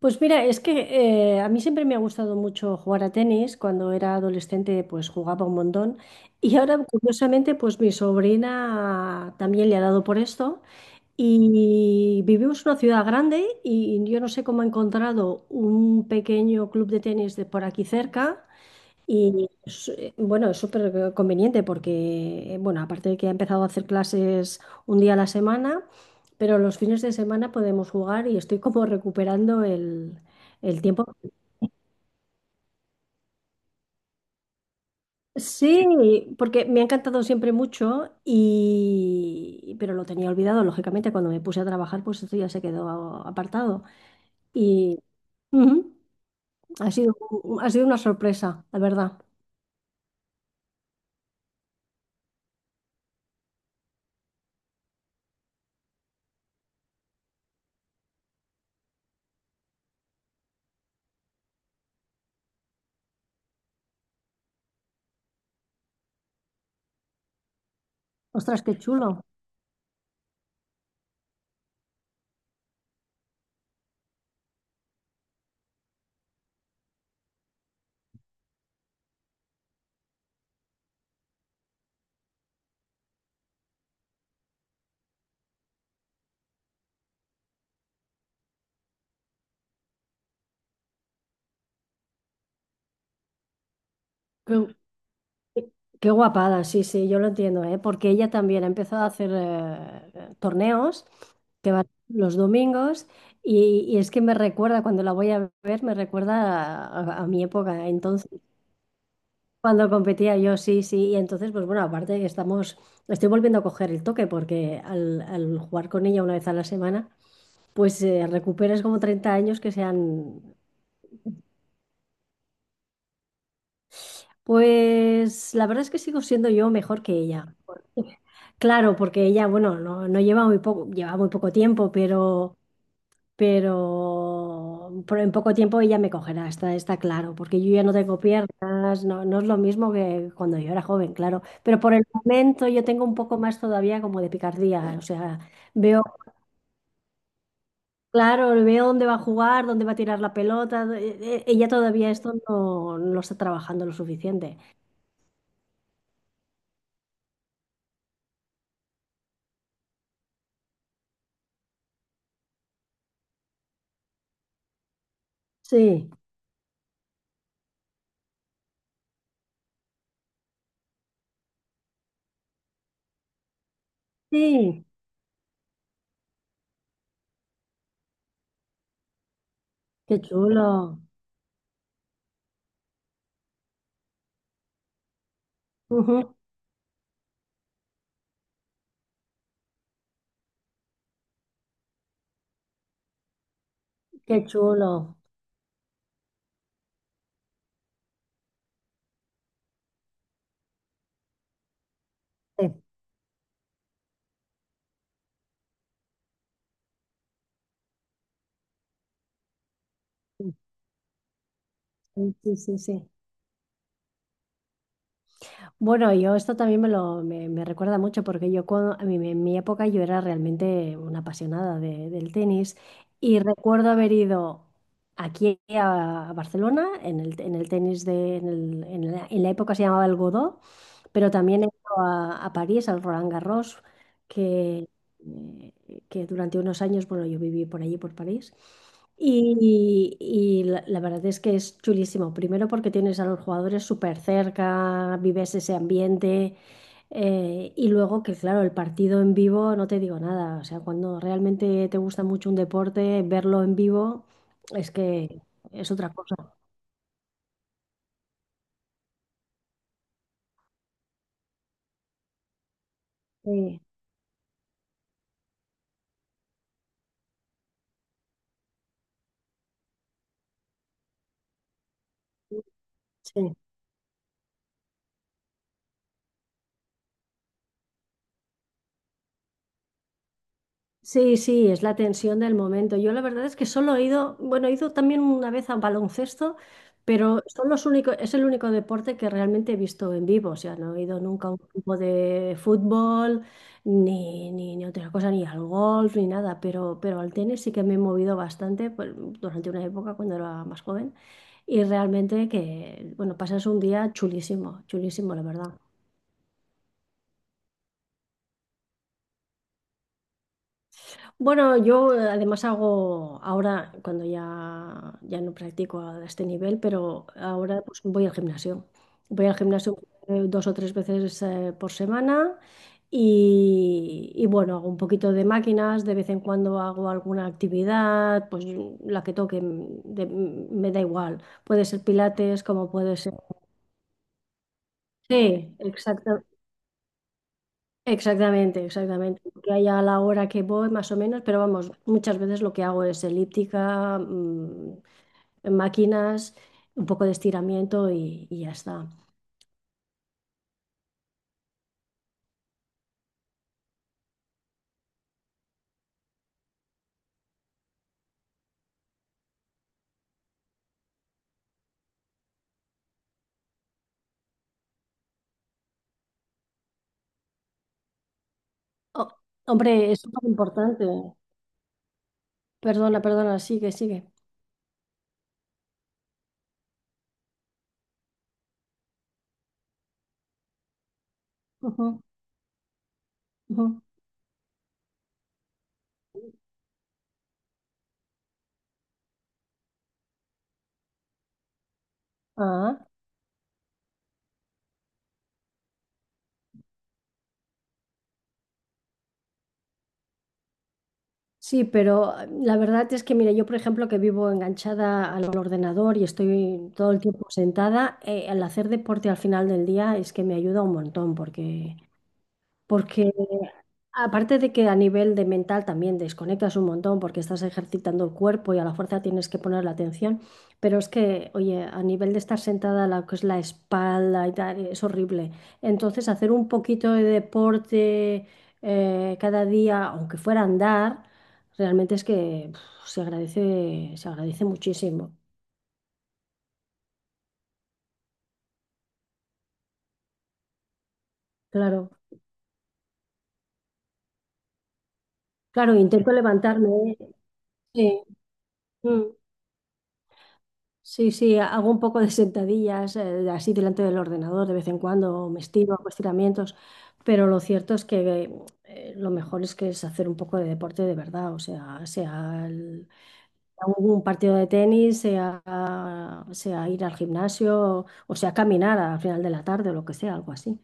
Pues mira, es que a mí siempre me ha gustado mucho jugar a tenis. Cuando era adolescente, pues jugaba un montón. Y ahora, curiosamente, pues mi sobrina también le ha dado por esto. Y vivimos en una ciudad grande y yo no sé cómo ha encontrado un pequeño club de tenis de por aquí cerca. Y es, bueno, es súper conveniente porque, bueno, aparte de que ha empezado a hacer clases un día a la semana, pero los fines de semana podemos jugar y estoy como recuperando el tiempo. Sí, porque me ha encantado siempre mucho y, pero lo tenía olvidado, lógicamente, cuando me puse a trabajar, pues esto ya se quedó apartado. Y ujú, ha sido, ha sido una sorpresa, la verdad. Ostras, qué chulo. Qué, Qué guapada, sí, sí, yo lo entiendo, ¿eh? Porque ella también ha empezado a hacer torneos que van los domingos y es que me recuerda, cuando la voy a ver, me recuerda a mi época, entonces, cuando competía yo, sí, sí, y entonces, pues bueno, estoy volviendo a coger el toque porque al jugar con ella una vez a la semana, pues recuperas como 30 años que se han. Pues la verdad es que sigo siendo yo mejor que ella. Porque... Claro, porque ella, bueno, no lleva muy poco, lleva muy poco tiempo, pero en poco tiempo ella me cogerá, está claro, porque yo ya no tengo piernas, no es lo mismo que cuando yo era joven, claro. Pero por el momento yo tengo un poco más todavía como de picardía, o sea, veo, claro, veo dónde va a jugar, dónde va a tirar la pelota, ella todavía esto no, no lo está trabajando lo suficiente. Sí, sí. Qué chulo. Ujú. Qué chulo. Sí, sí, sí, sí, sí. Bueno, yo esto también me recuerda mucho porque yo cuando, en mi época yo era realmente una apasionada del tenis y recuerdo haber ido aquí a Barcelona en en el tenis en la época se llamaba el Godó, pero también he ido a París al Roland Garros que eh, que durante unos años bueno yo viví por allí por París. Y la verdad es que es chulísimo. Primero porque tienes a los jugadores súper cerca, vives ese ambiente. Y luego que, claro, el partido en vivo no te digo nada. O sea, cuando realmente te gusta mucho un deporte, verlo en vivo es que es otra cosa. Sí, sí. Sí, sí, es la tensión del momento. Yo la verdad es que solo he ido, bueno, he ido también una vez a baloncesto, pero son los únicos, es el único deporte que realmente he visto en vivo. O sea, no he ido nunca a un grupo de fútbol, ni otra cosa, ni al golf, ni nada, pero al tenis sí que me he movido bastante pues, durante una época cuando era más joven. Y realmente que, bueno, pasas un día chulísimo, chulísimo, la verdad. Bueno, yo además hago ahora, cuando ya no practico a este nivel, pero ahora pues voy al gimnasio. Voy al gimnasio dos o tres veces por semana y, bueno, hago un poquito de máquinas, de vez en cuando hago alguna actividad, pues la que toque, me da igual. Puede ser pilates, como puede ser... Sí, exacto. Exactamente, exactamente. Que haya la hora que voy, más o menos, pero vamos, muchas veces lo que hago es elíptica, máquinas, un poco de estiramiento y ya está. Oh, hombre, es súper importante. Perdona, perdona, sigue, sigue. Ujú, ujú. Ah, sí, pero la verdad es que, mira, yo, por ejemplo, que vivo enganchada al ordenador y estoy todo el tiempo sentada, el hacer deporte al final del día es que me ayuda un montón porque... Porque aparte de que a nivel de mental también desconectas un montón porque estás ejercitando el cuerpo y a la fuerza tienes que poner la atención, pero es que, oye, a nivel de estar sentada, la que es la espalda y tal, es horrible. Entonces, hacer un poquito de deporte cada día, aunque fuera a andar, realmente es que uf, se agradece muchísimo. Claro, claro, intento levantarme, ¿eh? Sí. Mm. Sí, sí, hago un poco de sentadillas así delante del ordenador de vez en cuando, o me estiro, hago estiramientos, pero lo cierto es que lo mejor es que es hacer un poco de deporte de verdad, o sea, sea un partido de tenis, sea ir al gimnasio, o sea, caminar al final de la tarde o lo que sea, algo así.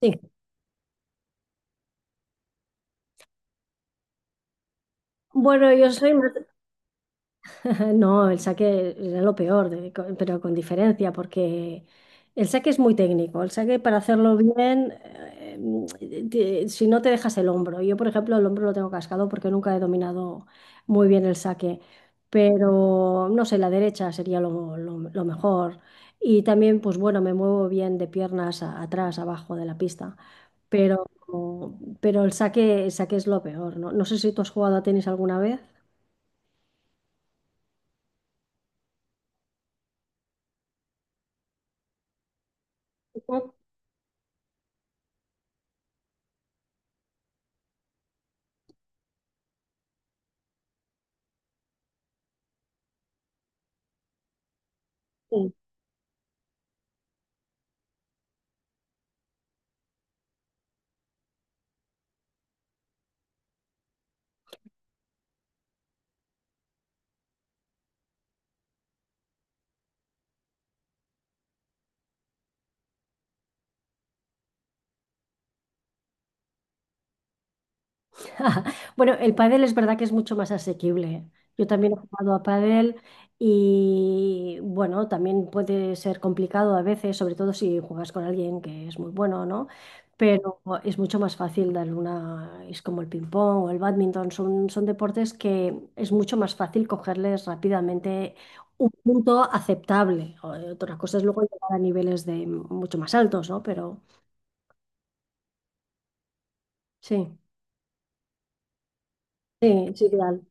Sí. Bueno, yo soy más... No, el saque era lo peor, pero con diferencia, porque el saque es muy técnico. El saque para hacerlo bien, si no te dejas el hombro. Yo, por ejemplo, el hombro lo tengo cascado porque nunca he dominado muy bien el saque, pero no sé, la derecha sería lo mejor. Y también, pues bueno, me muevo bien de piernas atrás, abajo de la pista, pero, pero el saque es lo peor, ¿no? No sé si tú has jugado a tenis alguna vez. Ujú. Bueno, el pádel es verdad que es mucho más asequible, ¿eh? Yo también he jugado a pádel y bueno, también puede ser complicado a veces, sobre todo si juegas con alguien que es muy bueno, ¿no? Pero es mucho más fácil darle una, es como el ping pong o el bádminton, son, son deportes que es mucho más fácil cogerles rápidamente un punto aceptable. O... Otra cosa es luego llegar a niveles de mucho más altos, ¿no? Pero sí, sí, es ideal.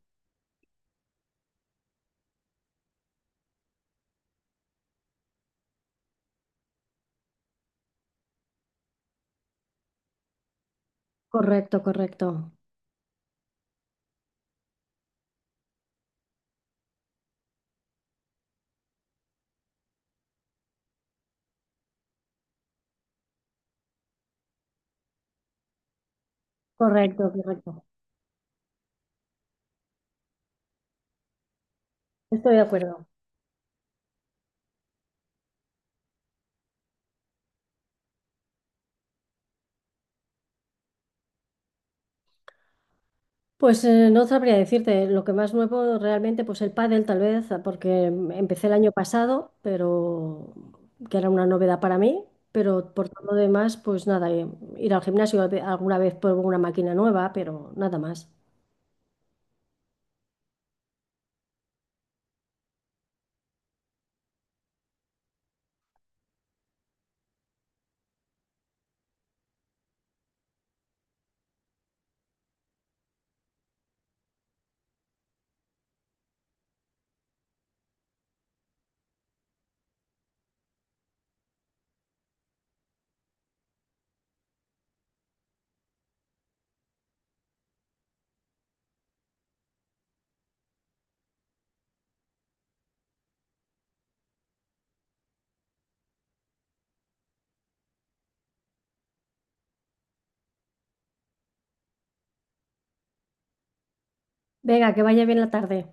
Correcto, correcto. Correcto, correcto. Estoy de acuerdo. Pues no sabría decirte lo que más nuevo realmente, pues el pádel tal vez, porque empecé el año pasado, pero que era una novedad para mí, pero por todo lo demás, pues nada, ir al gimnasio alguna vez por una máquina nueva, pero nada más. Venga, que vaya bien la tarde.